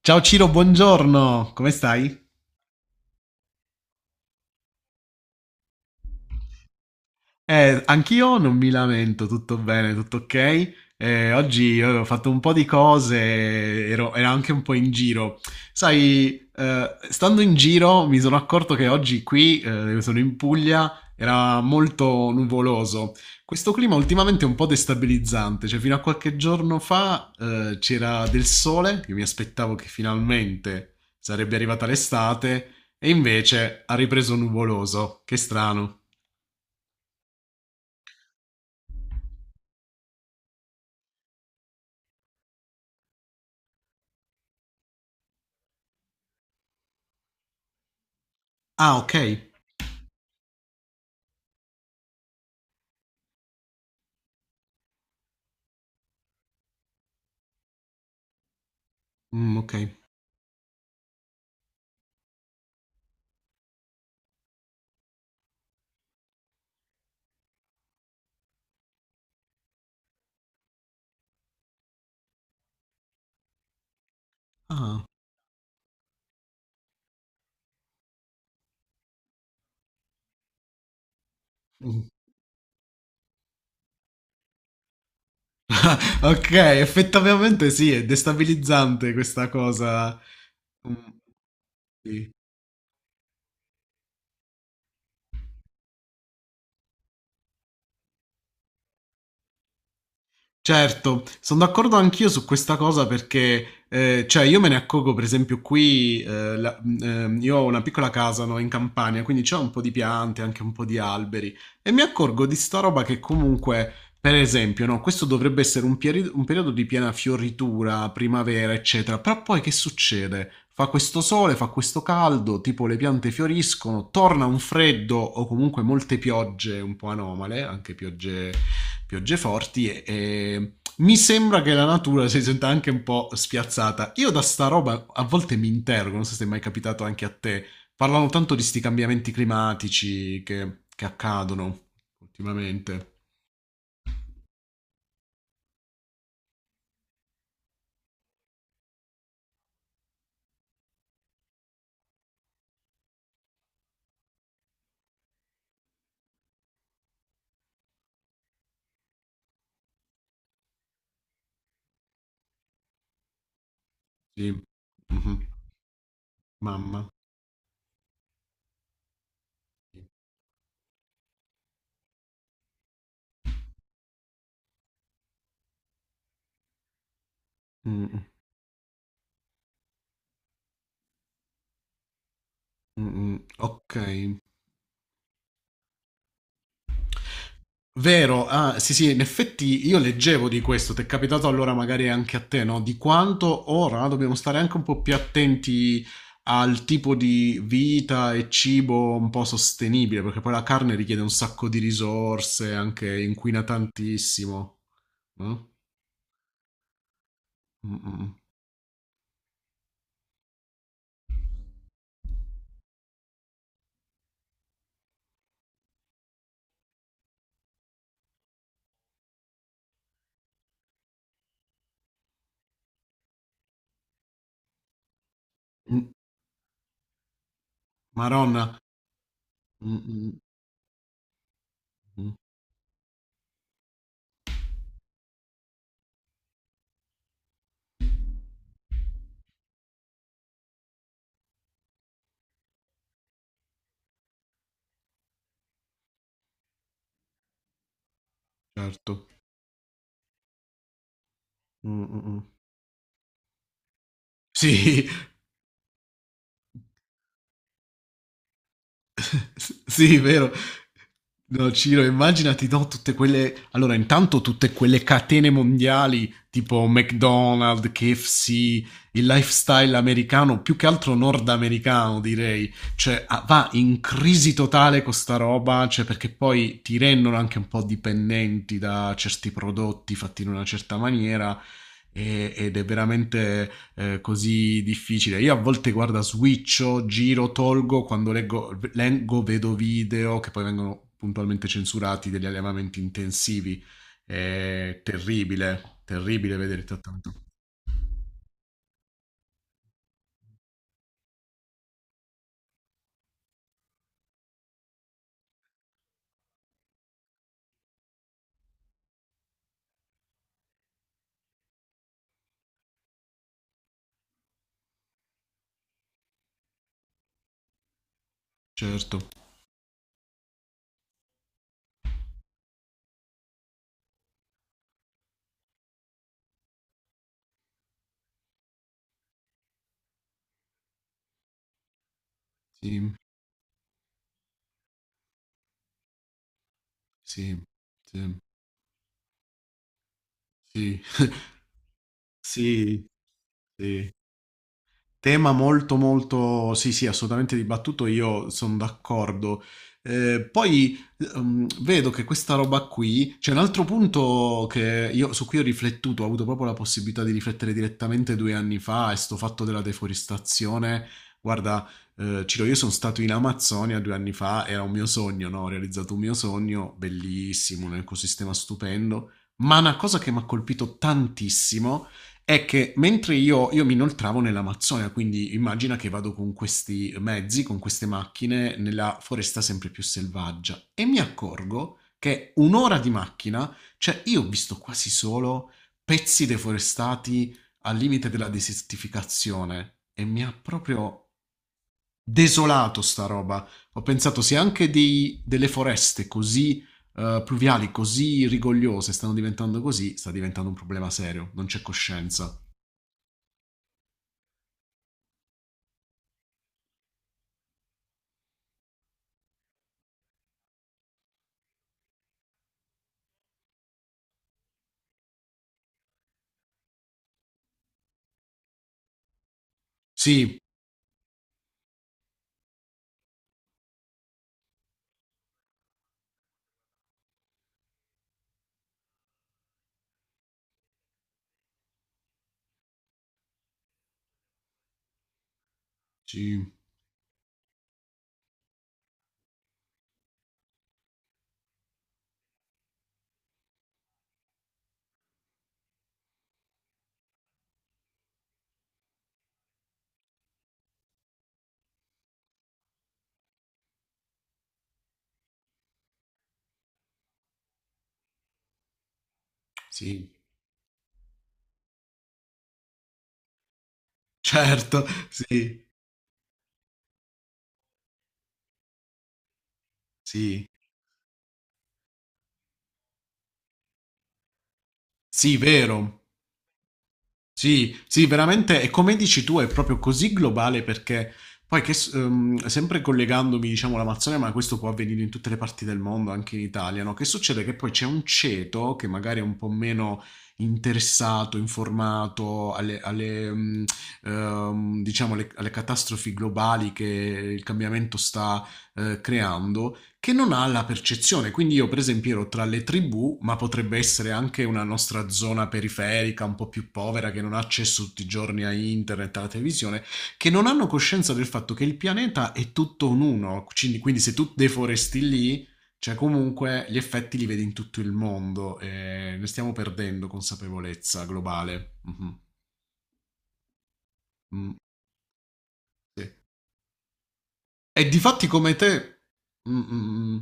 Ciao Ciro, buongiorno, come stai? Anch'io non mi lamento, tutto bene, tutto ok. Oggi avevo fatto un po' di cose, ero anche un po' in giro. Sai, stando in giro mi sono accorto che oggi qui, sono in Puglia, era molto nuvoloso. Questo clima ultimamente è un po' destabilizzante, cioè fino a qualche giorno fa, c'era del sole, io mi aspettavo che finalmente sarebbe arrivata l'estate, e invece ha ripreso nuvoloso. Che strano. Ah, ok. Okay. Ah. Mh. Okay, effettivamente sì, è destabilizzante questa cosa. Mh. Sì. Certo, sono d'accordo anch'io su questa cosa perché, cioè, io me ne accorgo, per esempio, qui, io ho una piccola casa, no, in campagna, quindi c'è un po' di piante, anche un po' di alberi, e mi accorgo di sta roba che comunque, per esempio, no, questo dovrebbe essere un, un periodo di piena fioritura, primavera, eccetera, però poi che succede? Fa questo sole, fa questo caldo, tipo le piante fioriscono, torna un freddo o comunque molte piogge un po' anomale, anche piogge forti e mi sembra che la natura si senta anche un po' spiazzata. Io da sta roba a volte mi interrogo, non so se è mai capitato anche a te, parlano tanto di sti cambiamenti climatici che accadono ultimamente. Sì. Mhm. Mamma. Sì. Mm, mm, mm. Mm. Ok. Vero, ah, sì, sì, in effetti io leggevo di questo, ti è capitato allora magari anche a te, no? Di quanto ora dobbiamo stare anche un po' più attenti al tipo di vita e cibo un po' sostenibile, perché poi la carne richiede un sacco di risorse, anche inquina tantissimo. No? Mm, mm, mm. Maronna. Mm, mm, mm. Certo. Mm, mm, mm. Sì, sì, vero. No, Ciro, immaginati, no, tutte quelle... Allora, intanto tutte quelle catene mondiali, tipo McDonald's, KFC, il lifestyle americano, più che altro nordamericano, direi. Cioè, ah, va in crisi totale con sta roba, cioè, perché poi ti rendono anche un po' dipendenti da certi prodotti fatti in una certa maniera ed è veramente così difficile. Io a volte guarda, switcho, giro, tolgo, quando leggo, vedo video che poi vengono puntualmente censurati degli allevamenti intensivi. È terribile, terribile vedere il trattamento. Certo, sì, sì, sì, sì, sì, sì. Tema molto molto, sì sì, assolutamente dibattuto, io sono d'accordo. Poi vedo che questa roba qui, c'è un altro punto che io, su cui ho riflettuto, ho avuto proprio la possibilità di riflettere direttamente due anni fa, è sto fatto della deforestazione. Guarda, Ciro, io sono stato in Amazzonia due anni fa, era un mio sogno, no? Ho realizzato un mio sogno, bellissimo, un ecosistema stupendo, ma una cosa che mi ha colpito tantissimo è che mentre io mi inoltravo nell'Amazzonia, quindi immagina che vado con questi mezzi, con queste macchine, nella foresta sempre più selvaggia e mi accorgo che un'ora di macchina, cioè io ho visto quasi solo pezzi deforestati al limite della desertificazione e mi ha proprio desolato sta roba. Ho pensato se anche delle foreste così pluviali, così rigogliose stanno diventando così, sta diventando un problema serio, non c'è coscienza. Sì, sì, sì, certo, sì, sì, sì, vero. Sì, sì, veramente, e come dici tu, è proprio così globale perché poi che, sempre collegandomi, diciamo, all'Amazzonia, ma questo può avvenire in tutte le parti del mondo, anche in Italia, no? Che succede? Che poi c'è un ceto che magari è un po' meno interessato, informato diciamo, alle catastrofi globali che il cambiamento sta creando, che non ha la percezione. Quindi io per esempio ero tra le tribù, ma potrebbe essere anche una nostra zona periferica, un po' più povera, che non ha accesso tutti i giorni a internet, alla televisione, che non hanno coscienza del fatto che il pianeta è tutto un uno. Quindi, quindi se tu deforesti lì, cioè comunque gli effetti li vedi in tutto il mondo e ne stiamo perdendo consapevolezza globale. Mhm. Mm, sì. E difatti come te... Mm, mm, mm.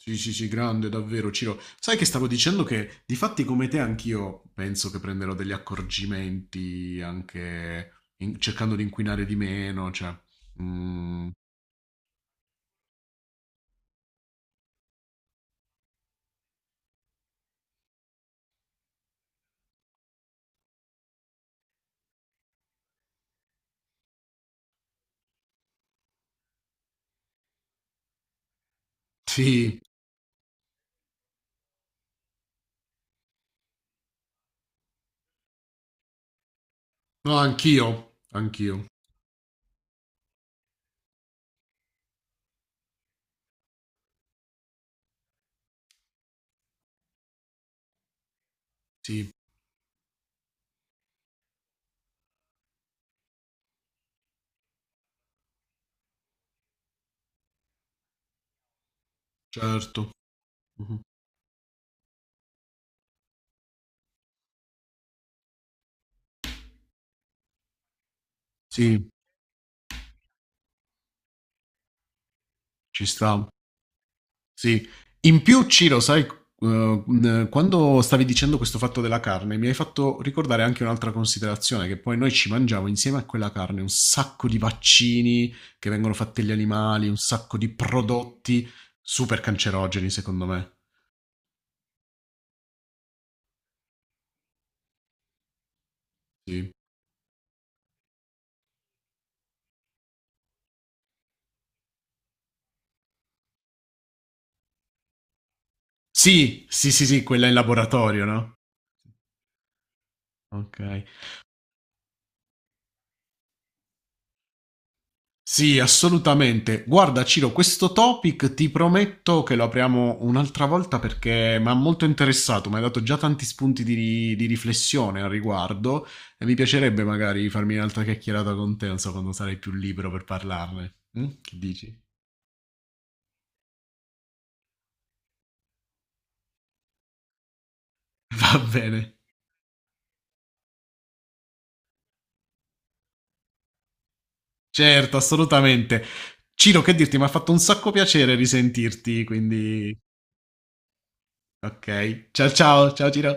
Sì, sì, sì, grande, davvero, Ciro. Sai che stavo dicendo che difatti come te anch'io penso che prenderò degli accorgimenti anche cercando di inquinare di meno, cioè... mm, sì, no, anch'io, anch'io. Sì, certo. Mhm. Sì, ci sta. Sì. In più, Ciro, sai, quando stavi dicendo questo fatto della carne, mi hai fatto ricordare anche un'altra considerazione, che poi noi ci mangiamo insieme a quella carne un sacco di vaccini che vengono fatti agli animali, un sacco di prodotti super cancerogeni, secondo me. Sì, sì, sì, sì, sì, quella in laboratorio, no? Ok. Sì, assolutamente. Guarda, Ciro, questo topic ti prometto che lo apriamo un'altra volta perché mi ha molto interessato, mi hai dato già tanti spunti di, di riflessione al riguardo e mi piacerebbe magari farmi un'altra chiacchierata con te, non so, quando sarai più libero per parlarne. Mm? Che dici? Va bene. Certo, assolutamente. Ciro, che dirti, mi ha fatto un sacco piacere risentirti, quindi... Ok. Ciao ciao, ciao Ciro.